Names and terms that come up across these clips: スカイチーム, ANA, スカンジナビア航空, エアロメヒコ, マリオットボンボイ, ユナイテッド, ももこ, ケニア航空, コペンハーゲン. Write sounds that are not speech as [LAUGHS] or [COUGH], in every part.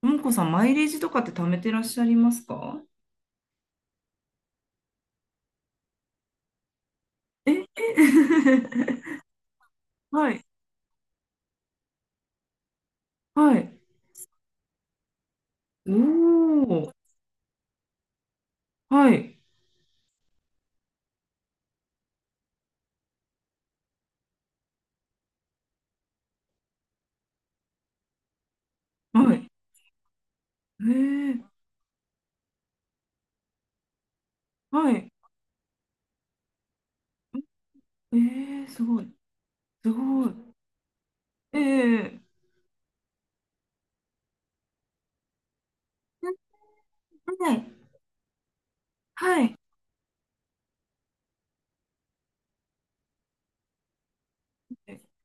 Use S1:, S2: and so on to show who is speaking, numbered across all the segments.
S1: ももこさん、マイレージとかって貯めてらっしゃいますか？え [LAUGHS] はい、はい。おー、はい、はい。えー、はい。えー、すごい、すごい。えー、はい、はい、は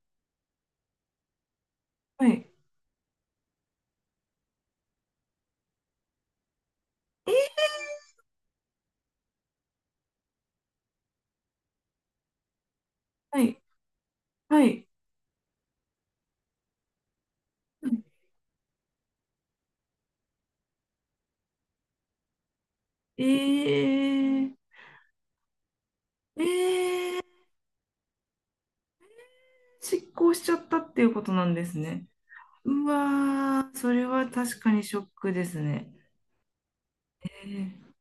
S1: い、はい、はい。えー、えー、失効しちゃったっていうことなんですね。うわー、それは確かにショックですね。えー、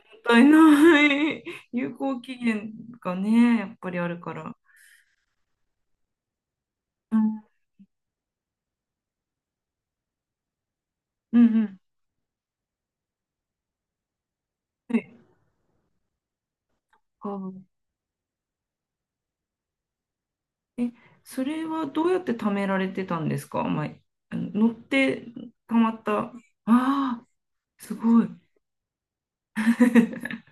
S1: ったいない。有効期限がね、やっぱりあるから。うん、うん、うん。はい。あえ、それはどうやって貯められてたんですか？まあ、乗って貯まった。ああ、すごい。[LAUGHS]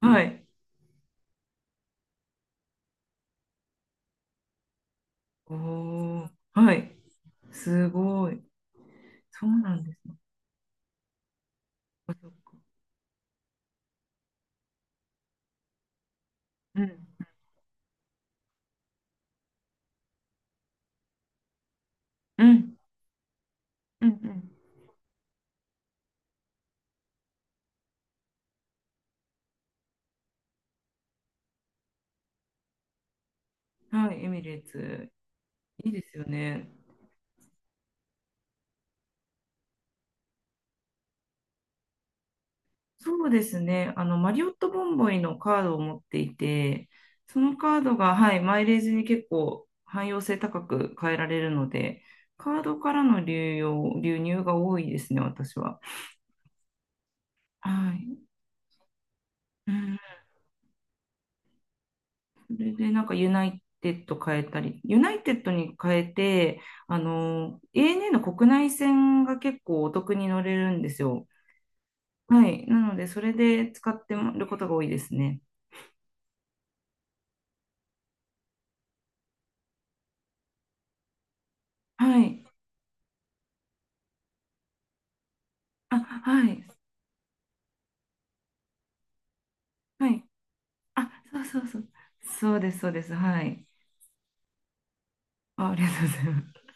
S1: はい。おお、はい。すごい。そうなんですね。あ、そっか。うん。うん。うん。うん。はい。エミレーツ。いいですよね。そうですね。マリオットボンボイのカードを持っていて、そのカードが、はい、マイレージに結構汎用性高く変えられるので、カードからの流用、流入が多いですね、私は。はい。うん。それで、なんか、ユナイテッド変えたり、ユナイテッドに変えて、ANA の国内線が結構お得に乗れるんですよ。はい。なので、それで使ってることが多いですね。はい。あ、はい。はい。あ、そうそうそう。そうです、そうです。はい。あ、ありがとうございます。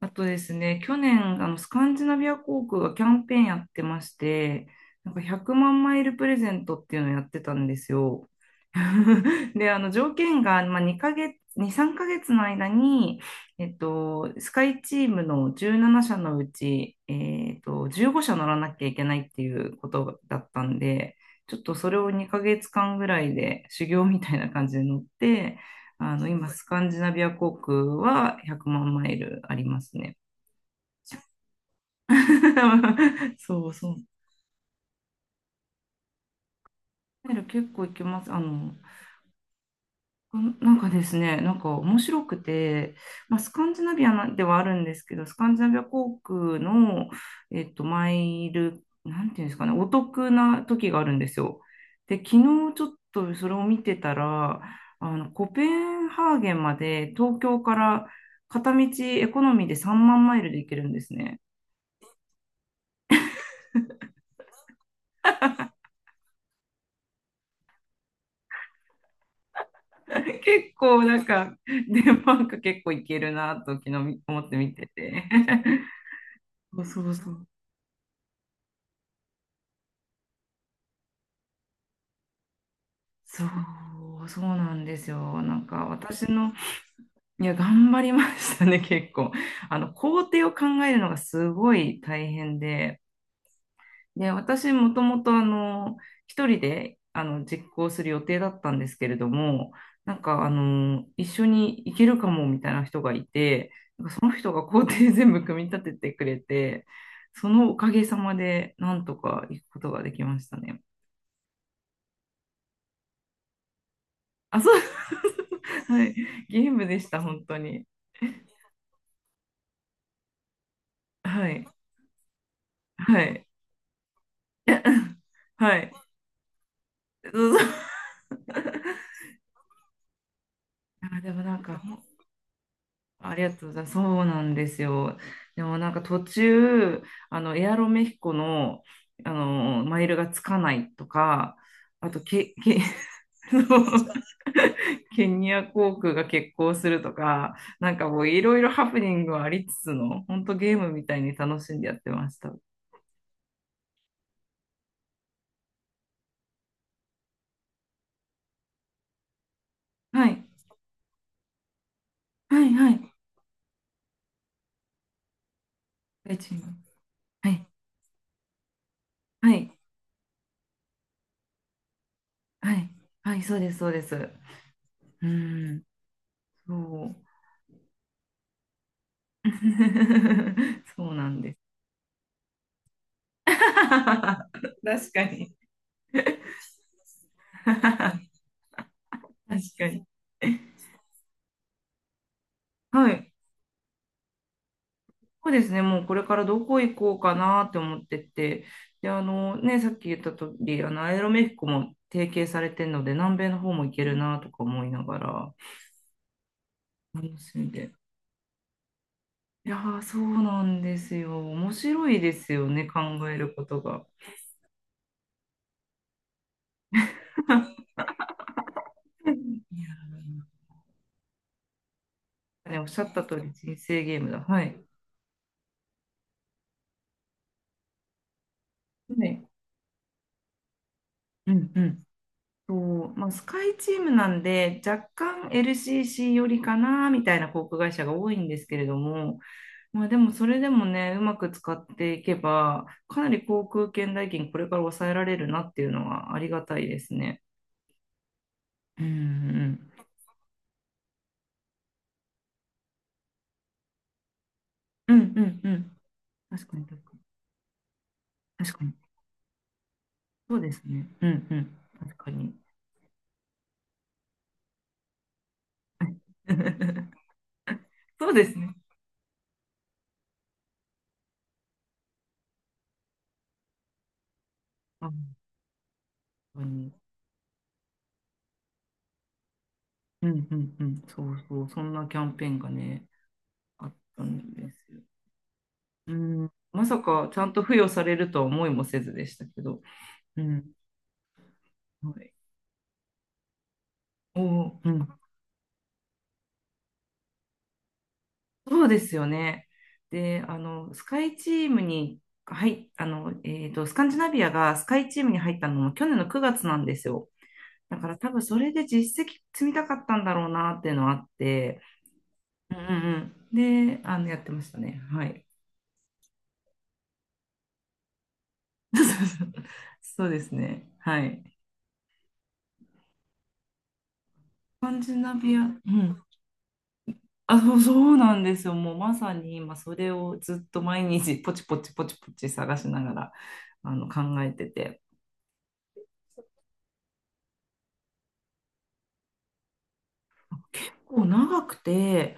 S1: あとですね、去年、スカンジナビア航空がキャンペーンやってまして、なんか100万マイルプレゼントっていうのをやってたんですよ。[LAUGHS] で、条件が、まあ、2ヶ月、2、3ヶ月の間に、スカイチームの17社のうち、15社乗らなきゃいけないっていうことだったんで、ちょっとそれを2ヶ月間ぐらいで修行みたいな感じで乗って、今、スカンジナビア航空は100万マイルありますね。[LAUGHS] そうそう。マイル結構行きます。なんかですね、なんか面白くて、まあ、スカンジナビアなではあるんですけど、スカンジナビア航空の、マイル、なんていうんですかね、お得な時があるんですよ。で、昨日ちょっとそれを見てたら、コペンハーゲンまで東京から片道エコノミーで3万マイルで行けるんですね。[LAUGHS] 結構なんか、デンマーク結構いけるなと昨日思って見てて。[LAUGHS] そうそうそう。そう、そうなんですよ。なんか私の、いや、頑張りましたね、結構。工程を考えるのがすごい大変で。で、私もともと一人で実行する予定だったんですけれども、なんか一緒に行けるかもみたいな人がいて、なんかその人が工程全部組み立ててくれて、そのおかげさまでなんとか行くことができましたね。あ、そう、[LAUGHS] はい。ゲームでした、本当に。はい。はい。はい。そうそう [LAUGHS] あ、でもなんか、ありがとうございます。そうなんですよ。でもなんか途中、エアロメヒコの、マイルがつかないとか、あと、[LAUGHS] そうケニア航空が欠航するとか、なんかもういろいろハプニングはありつつの、本当ゲームみたいに楽しんでやってました。はい、はい、はい。大地にはい、はい、はい、はい、そうです、そうです。うん、そう。[LAUGHS] そうなんです。[LAUGHS] 確かに。[LAUGHS] 確かに。はい。そうですね。もうこれからどこ行こうかなって思ってて。で、あのね、さっき言った通り、アイロメヒコも提携されてるので、南米の方も行けるなとか思いながら、楽しんで。いやー、そうなんですよ。面白いですよね、考えることが。いやーね、おっしゃった通り、人生ゲームだ。はい。はい。うんうん。そうまあ、スカイチームなんで若干 LCC よりかなみたいな航空会社が多いんですけれども、まあ、でもそれでもねうまく使っていけばかなり航空券代金これから抑えられるなっていうのはありがたいですね。うんうんうんうんうん確かに確かに確かにそうですねうんうん確かに [LAUGHS] そうですね。あ本当にうんうんうんそうそうそんなキャンペーンがねあったんですよ。うん、まさかちゃんと付与されるとは思いもせずでしたけど、うん、はい、おー、うん、そうですよね。で、スカイチームに、はい、スカンジナビアがスカイチームに入ったのも去年の9月なんですよ。だから多分それで実績積みたかったんだろうなっていうのはあって、うんうんうん。で、やってましたね。はい。[LAUGHS] そうそうそうそうですね。はい。スカンジナビア、うん。あ、そう、[LAUGHS] そうなんですよ。もうまさに今それをずっと毎日ポチポチポチポチ探しながら考えてて。結構長くて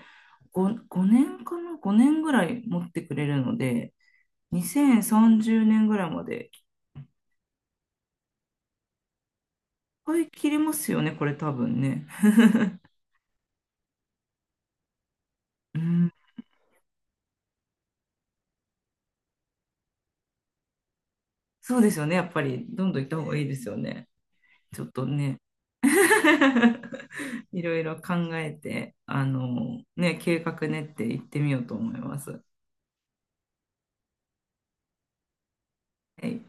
S1: 5年かな ?5 年ぐらい持ってくれるので、2030年ぐらいまでいい切れますよね、これ多分ね。うん、そうですよね。やっぱりどんどん行った方がいいですよね。ちょっとね。[LAUGHS] いろいろ考えて、ね、計画練って行ってみようと思います。はい